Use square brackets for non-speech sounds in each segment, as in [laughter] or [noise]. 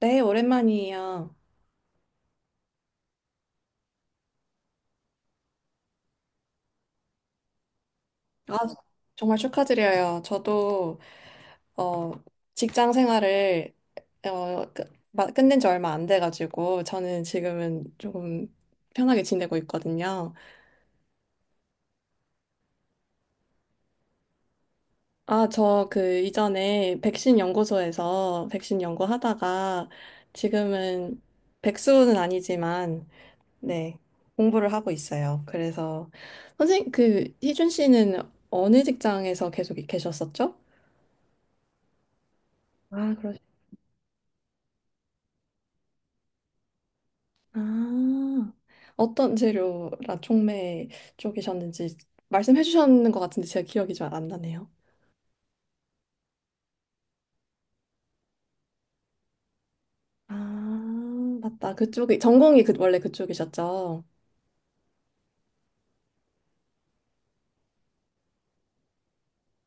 네, 오랜만이에요. 아, 정말 축하드려요. 저도 어, 직장 생활을 끝낸 지 얼마 안 돼가지고 저는 지금은 조금 편하게 지내고 있거든요. 아, 저 그 이전에 백신 연구소에서 백신 연구하다가 지금은 백수는 아니지만 네, 공부를 하고 있어요. 그래서 선생님, 그 희준 씨는 어느 직장에서 계속 계셨었죠? 아, 그러셨구나. 아, 어떤 재료 라촉매 쪽이셨는지 말씀해 주셨는 것 같은데 제가 기억이 잘 안 나네요. 아, 맞다. 그쪽이 전공이 그 원래 그쪽이셨죠?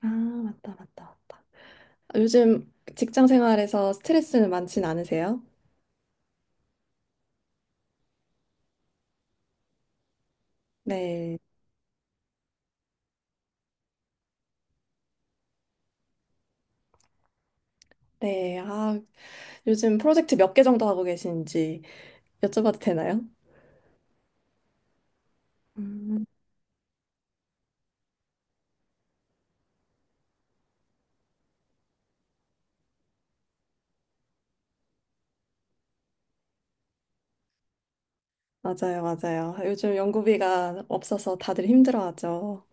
아, 맞다, 맞다, 맞다. 요즘 직장 생활에서 스트레스는 많진 않으세요? 네, 네. 아, 요즘 프로젝트 몇 개 정도 하고 계신지 여쭤봐도 되나요? 음, 맞아요, 맞아요. 요즘 연구비가 없어서 다들 힘들어하죠.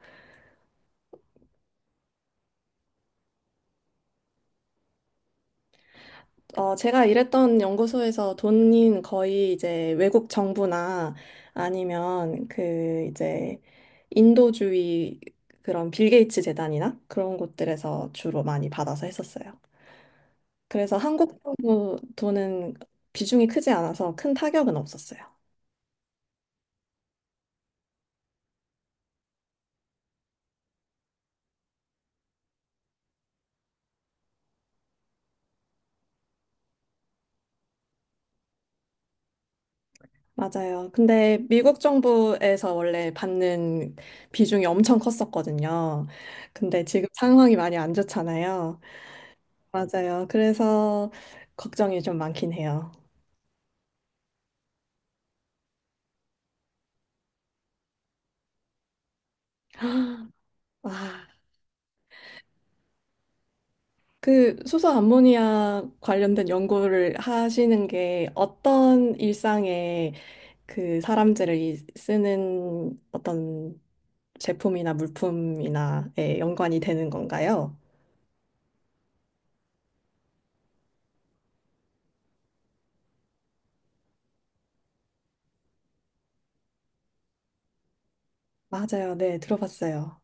제가 일했던 연구소에서 돈인 거의 이제 외국 정부나 아니면 그 이제 인도주의 그런 빌 게이츠 재단이나 그런 곳들에서 주로 많이 받아서 했었어요. 그래서 한국 정부 돈은 비중이 크지 않아서 큰 타격은 없었어요. 맞아요. 근데 미국 정부에서 원래 받는 비중이 엄청 컸었거든요. 근데 지금 상황이 많이 안 좋잖아요. 맞아요. 그래서 걱정이 좀 많긴 해요. [gasps] 와, 그 수소 암모니아 관련된 연구를 하시는 게 어떤 일상에 그 사람들이 쓰는 어떤 제품이나 물품이나에 연관이 되는 건가요? 맞아요. 네, 들어봤어요.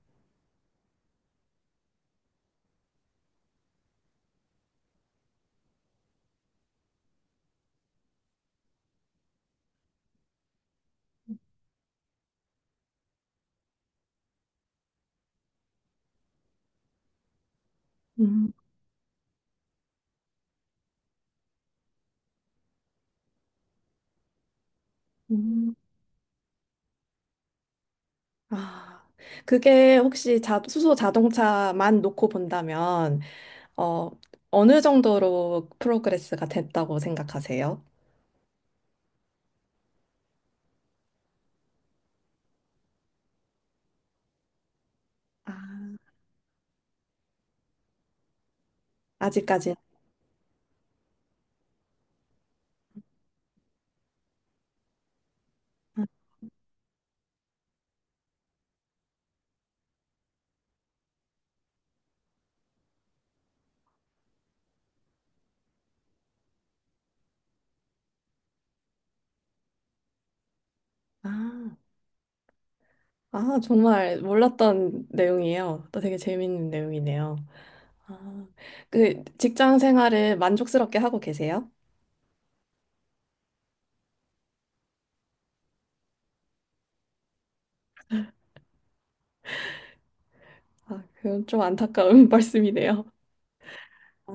음, 음. 아, 그게 혹시 자, 수소 자동차만 놓고 본다면 어, 어느 정도로 프로그레스가 됐다고 생각하세요? 아, 아직까지. 아, 아, 정말 몰랐던 내용이에요. 또 되게 재밌는 내용이네요. 아, 그 직장 생활을 만족스럽게 하고 계세요? 아, 그건 좀 안타까운 [laughs] 말씀이네요. 아,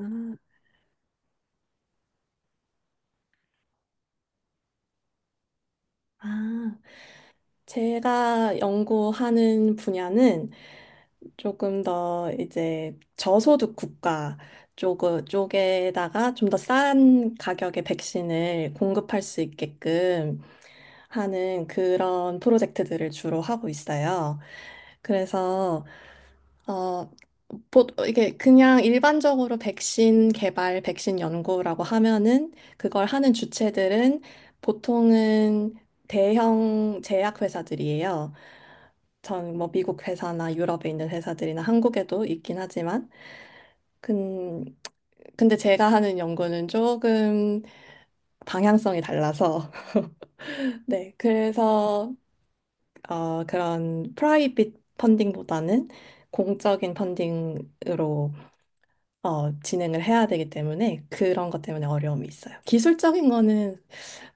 아, 제가 연구하는 분야는 조금 더 이제 저소득 국가 쪽, 쪽에다가 좀 더 싼 가격의 백신을 공급할 수 있게끔 하는 그런 프로젝트들을 주로 하고 있어요. 그래서 어, 이게 그냥 일반적으로 백신 개발, 백신 연구라고 하면은 그걸 하는 주체들은 보통은 대형 제약회사들이에요. 전 뭐 미국 회사나 유럽에 있는 회사들이나 한국에도 있긴 하지만 근 근데 제가 하는 연구는 조금 방향성이 달라서 [laughs] 네, 그래서 그런 프라이빗 펀딩보다는 공적인 펀딩으로 진행을 해야 되기 때문에 그런 것 때문에 어려움이 있어요. 기술적인 거는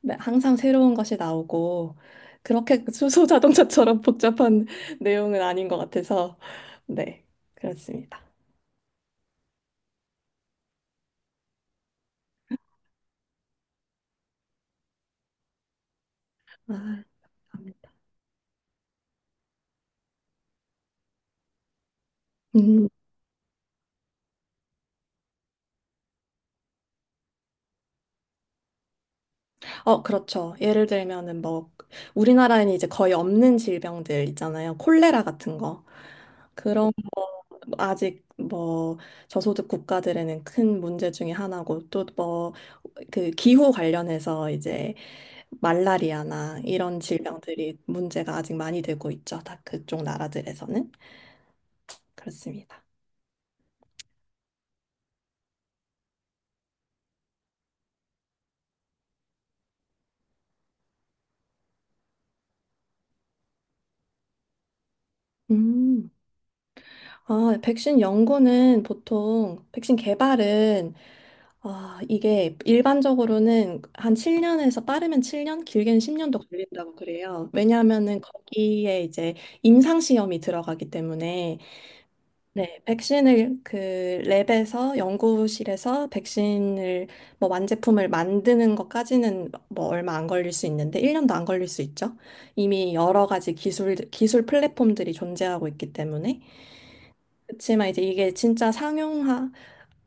항상 새로운 것이 나오고 그렇게 [laughs] 수소 자동차처럼 복잡한 [laughs] 내용은 아닌 것 같아서 네, 그렇습니다. 아, 감사합니다. 음, 그렇죠. 예를 들면은 뭐 우리나라에는 이제 거의 없는 질병들 있잖아요. 콜레라 같은 거. 그런 아직 뭐 저소득 국가들에는 큰 문제 중에 하나고 또 뭐 그 기후 관련해서 이제 말라리아나 이런 질병들이 문제가 아직 많이 되고 있죠. 다 그쪽 나라들에서는 그렇습니다. 음. 아, 백신 연구는 보통 백신 개발은, 아, 이게 일반적으로는 한 7년에서 빠르면 7년, 길게는 10년도 걸린다고 그래요. 왜냐하면은 거기에 이제 임상 시험이 들어가기 때문에. 네, 백신을 그 랩에서, 연구실에서 백신을 뭐 완제품을 만드는 것까지는 뭐 얼마 안 걸릴 수 있는데 1년도 안 걸릴 수 있죠. 이미 여러 가지 기술 플랫폼들이 존재하고 있기 때문에. 그치만 이제 이게 진짜 상용화,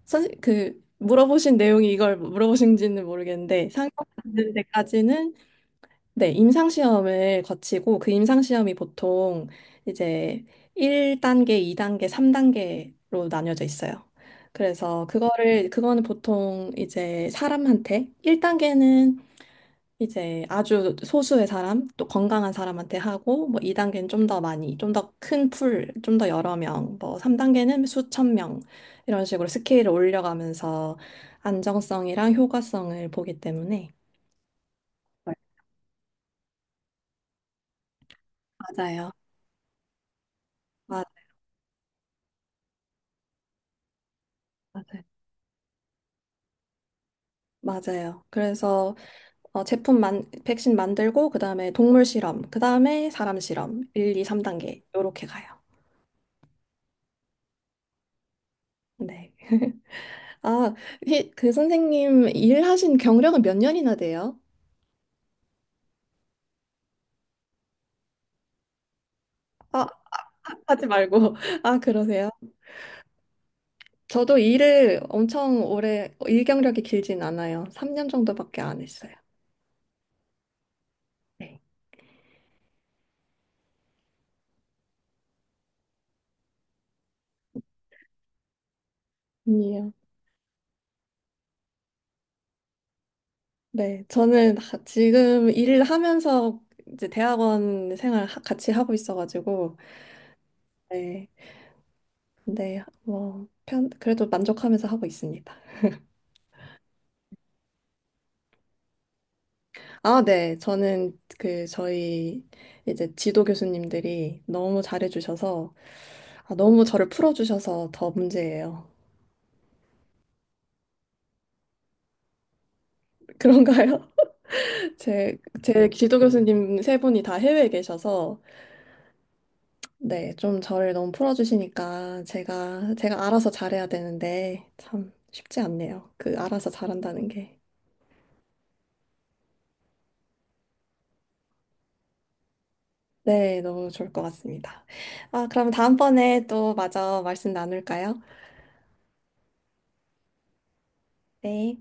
그 물어보신 내용이 이걸 물어보신지는 모르겠는데 상용화되는 데까지는, 네, 임상 시험을 거치고, 그 임상 시험이 보통 이제 1단계, 2단계, 3단계로 나뉘어져 있어요. 그래서 그거를, 그거는 보통 이제 사람한테 1단계는 이제 아주 소수의 사람, 또 건강한 사람한테 하고, 뭐 2단계는 좀 더 많이, 좀 더 큰 풀, 좀 더 여러 명, 뭐 3단계는 수천 명, 이런 식으로 스케일을 올려가면서 안정성이랑 효과성을 보기 때문에. 맞아요. 맞- 맞아요, 맞아요. 그래서 백신 만들고, 그 다음에 동물 실험, 그 다음에 사람 실험, 1, 2, 3단계, 요렇게 가요. 네. [laughs] 아, 그 선생님 일하신 경력은 몇 년이나 돼요? 아, 하지 말고. [laughs] 아, 그러세요? 저도 일을 엄청 오래, 일 경력이 길진 않아요. 3년 정도밖에 안 했어요. 네. 아니에요. 네, 저는 지금 일을 하면서 이제 대학원 생활 같이 하고 있어가지고, 네, 네. 뭐, 그래도 만족하면서 하고 있습니다. 아, 네, 저는 그, 저희 이제 지도 교수님들이 너무 잘해주셔서, 아, 너무 저를 풀어주셔서 더 문제예요. [laughs] 그런가요? 제 지도 교수님 세 분이 다 해외에 계셔서, 네, 좀 저를 너무 풀어주시니까 제가 알아서 잘해야 되는데, 참 쉽지 않네요. 그 알아서 잘한다는 게. 네, 너무 좋을 것 같습니다. 아, 그럼 다음번에 또 마저 말씀 나눌까요? 네.